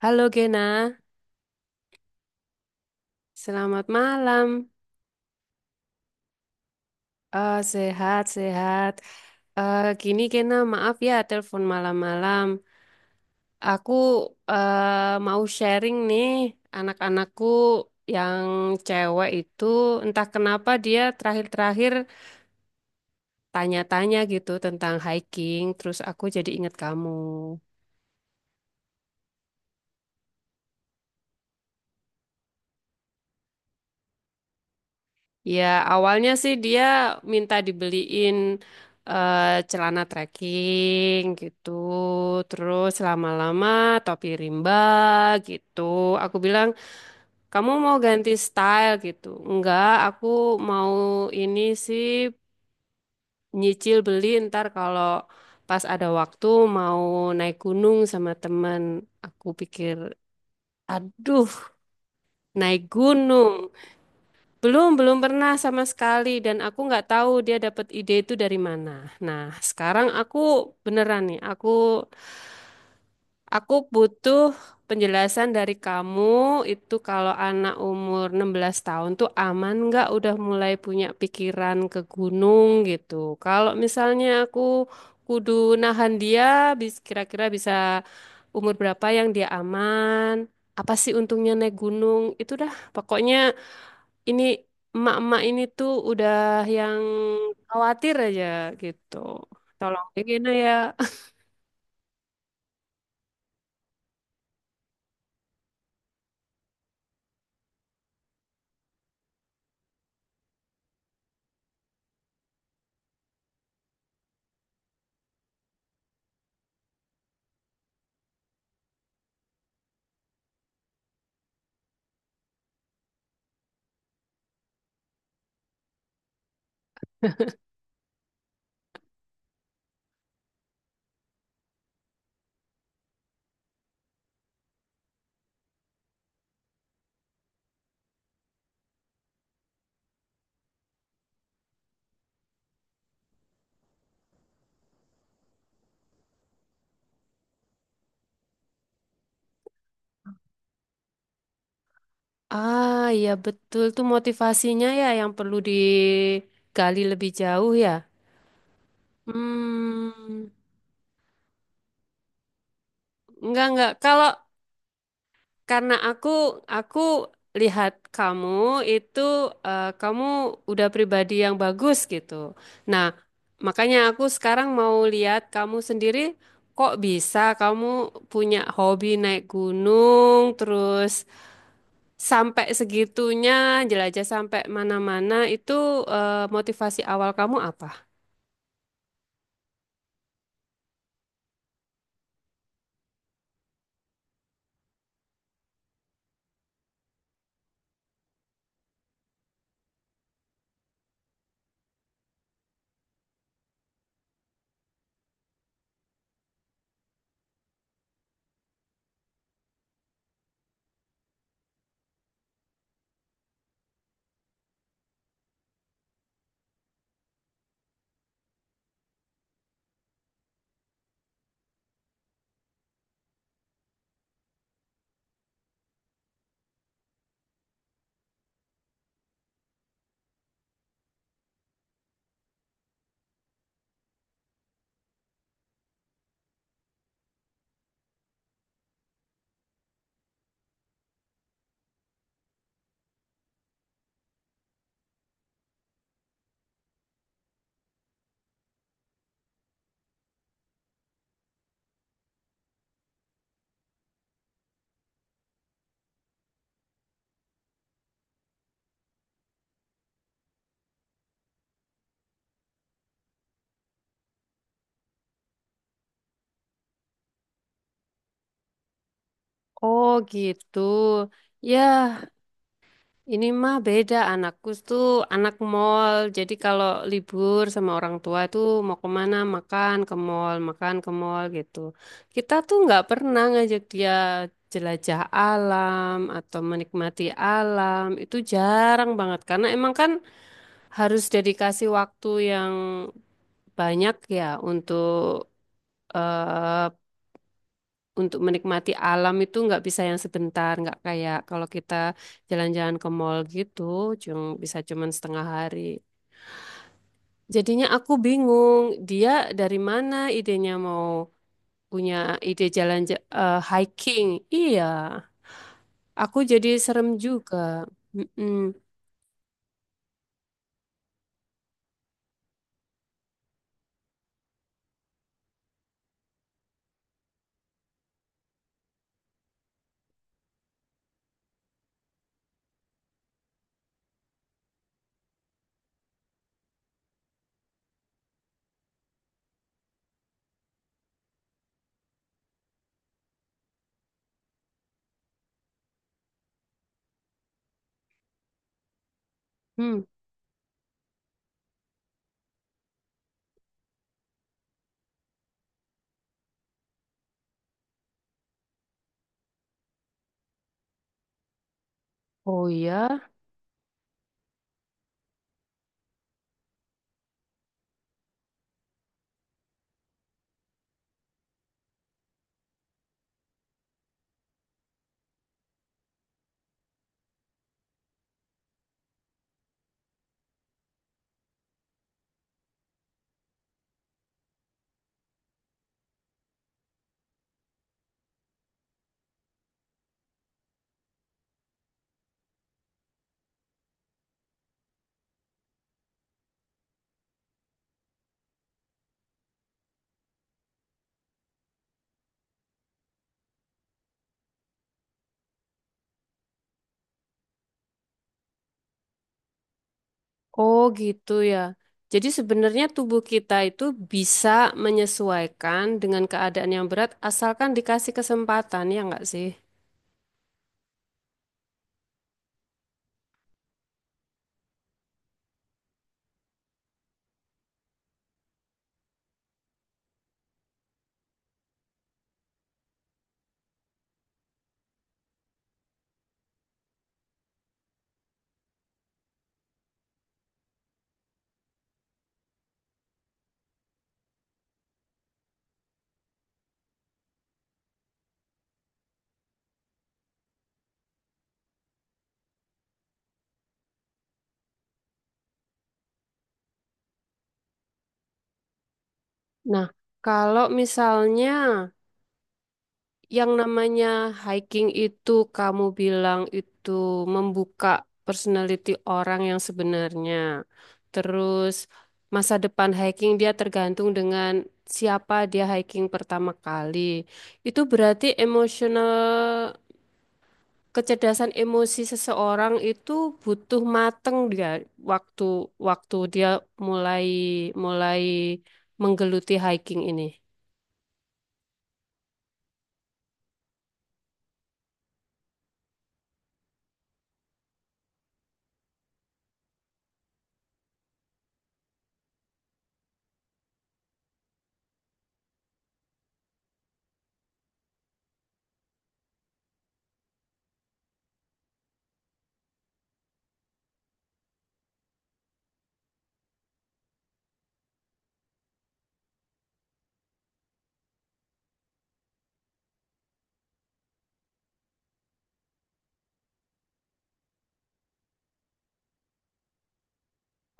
Halo Gena, selamat malam. Sehat, sehat. Eh, gini Gena, maaf ya telepon malam-malam. Aku mau sharing nih anak-anakku yang cewek itu entah kenapa dia terakhir-terakhir tanya-tanya gitu tentang hiking, terus aku jadi ingat kamu. Ya, awalnya sih dia minta dibeliin eh, celana trekking gitu. Terus lama-lama topi rimba gitu. Aku bilang, "Kamu mau ganti style gitu?" Enggak, aku mau ini sih nyicil beli ntar kalau pas ada waktu mau naik gunung sama teman. Aku pikir, "Aduh, naik gunung." Belum, belum pernah sama sekali dan aku nggak tahu dia dapat ide itu dari mana. Nah, sekarang aku beneran nih, aku butuh penjelasan dari kamu itu kalau anak umur 16 tahun tuh aman nggak udah mulai punya pikiran ke gunung gitu. Kalau misalnya aku kudu nahan dia, kira-kira bisa umur berapa yang dia aman? Apa sih untungnya naik gunung? Itu dah, pokoknya ini emak-emak ini tuh udah yang khawatir aja gitu. Tolong begini ya. Ah, iya betul tuh motivasinya ya yang perlu digali lebih jauh ya. Hmm, enggak, enggak. Kalau karena aku lihat kamu itu, kamu udah pribadi yang bagus gitu. Nah, makanya aku sekarang mau lihat kamu sendiri kok bisa kamu punya hobi naik gunung terus sampai segitunya jelajah sampai mana-mana itu, motivasi awal kamu apa? Oh, gitu. Ya, ini mah beda, anakku tuh anak mall. Jadi kalau libur sama orang tua tuh mau kemana makan ke mall gitu. Kita tuh nggak pernah ngajak dia jelajah alam atau menikmati alam. Itu jarang banget karena emang kan harus dedikasi waktu yang banyak ya untuk eh, untuk menikmati alam itu nggak bisa yang sebentar, nggak kayak kalau kita jalan-jalan ke mall gitu, cuma bisa cuman setengah hari. Jadinya aku bingung, dia dari mana idenya mau punya ide hiking? Iya, aku jadi serem juga. Mm-mm. Hmm. Oh ya, oh gitu ya. Jadi sebenarnya tubuh kita itu bisa menyesuaikan dengan keadaan yang berat asalkan dikasih kesempatan, ya nggak sih? Nah, kalau misalnya yang namanya hiking itu kamu bilang itu membuka personality orang yang sebenarnya. Terus masa depan hiking dia tergantung dengan siapa dia hiking pertama kali. Itu berarti emotional kecerdasan emosi seseorang itu butuh mateng dia waktu waktu dia mulai mulai menggeluti hiking ini.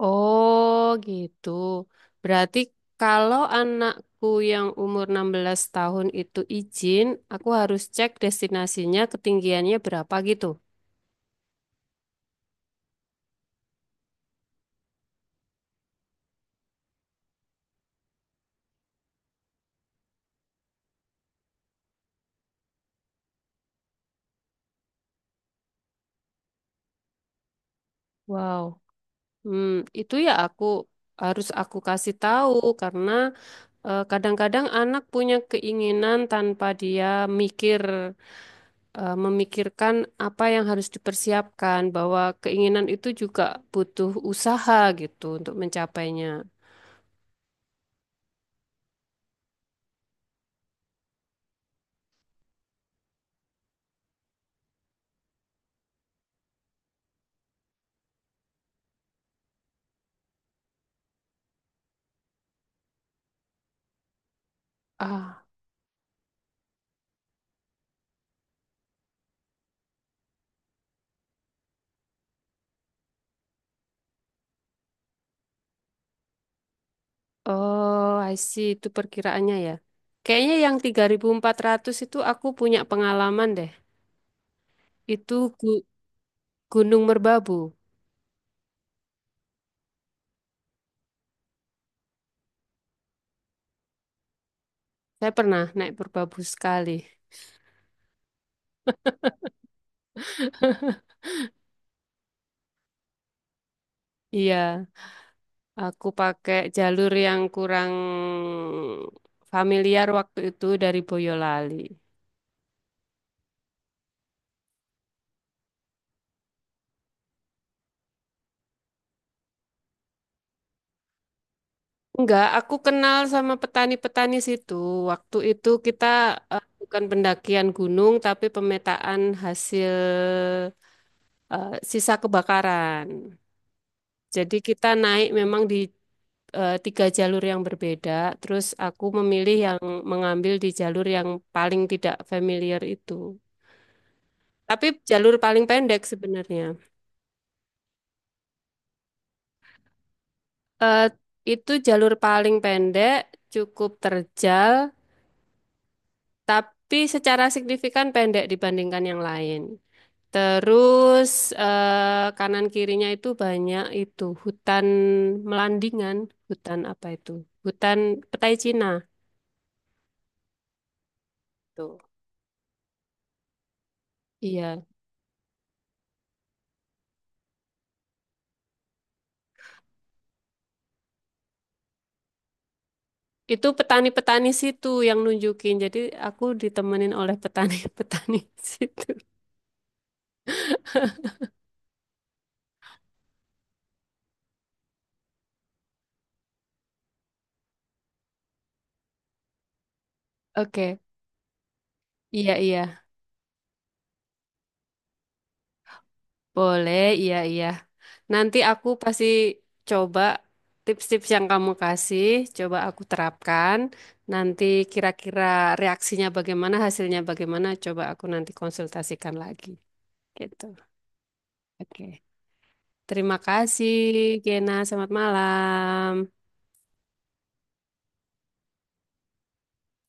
Oh gitu. Berarti kalau anakku yang umur 16 tahun itu izin, aku harus cek destinasinya ketinggiannya berapa gitu. Wow. Hmm, itu ya aku harus aku kasih tahu karena kadang-kadang anak punya keinginan tanpa dia mikir, memikirkan apa yang harus dipersiapkan bahwa keinginan itu juga butuh usaha gitu untuk mencapainya. Ah. Oh, I see. Itu perkiraannya ya. Kayaknya yang 3.400 itu aku punya pengalaman deh. Itu gu- Gunung Merbabu. Saya pernah naik Merbabu sekali. Iya, aku pakai jalur yang kurang familiar waktu itu dari Boyolali. Enggak, aku kenal sama petani-petani situ. Waktu itu kita, bukan pendakian gunung, tapi pemetaan hasil, sisa kebakaran. Jadi kita naik memang di, tiga jalur yang berbeda. Terus aku memilih yang mengambil di jalur yang paling tidak familiar itu. Tapi jalur paling pendek sebenarnya. Eh, itu jalur paling pendek, cukup terjal, tapi secara signifikan pendek dibandingkan yang lain. Terus, kanan kirinya itu banyak itu hutan melandingan, hutan apa itu? Hutan petai Cina. Tuh. Iya, itu petani-petani situ yang nunjukin. Jadi aku ditemenin oleh petani-petani situ. Oke, iya, iya. Boleh, iya, iya. Nanti aku pasti coba tips-tips yang kamu kasih, coba aku terapkan. Nanti kira-kira reaksinya bagaimana, hasilnya bagaimana, coba aku nanti konsultasikan lagi. Gitu. Oke. Terima kasih, Gena. Selamat malam.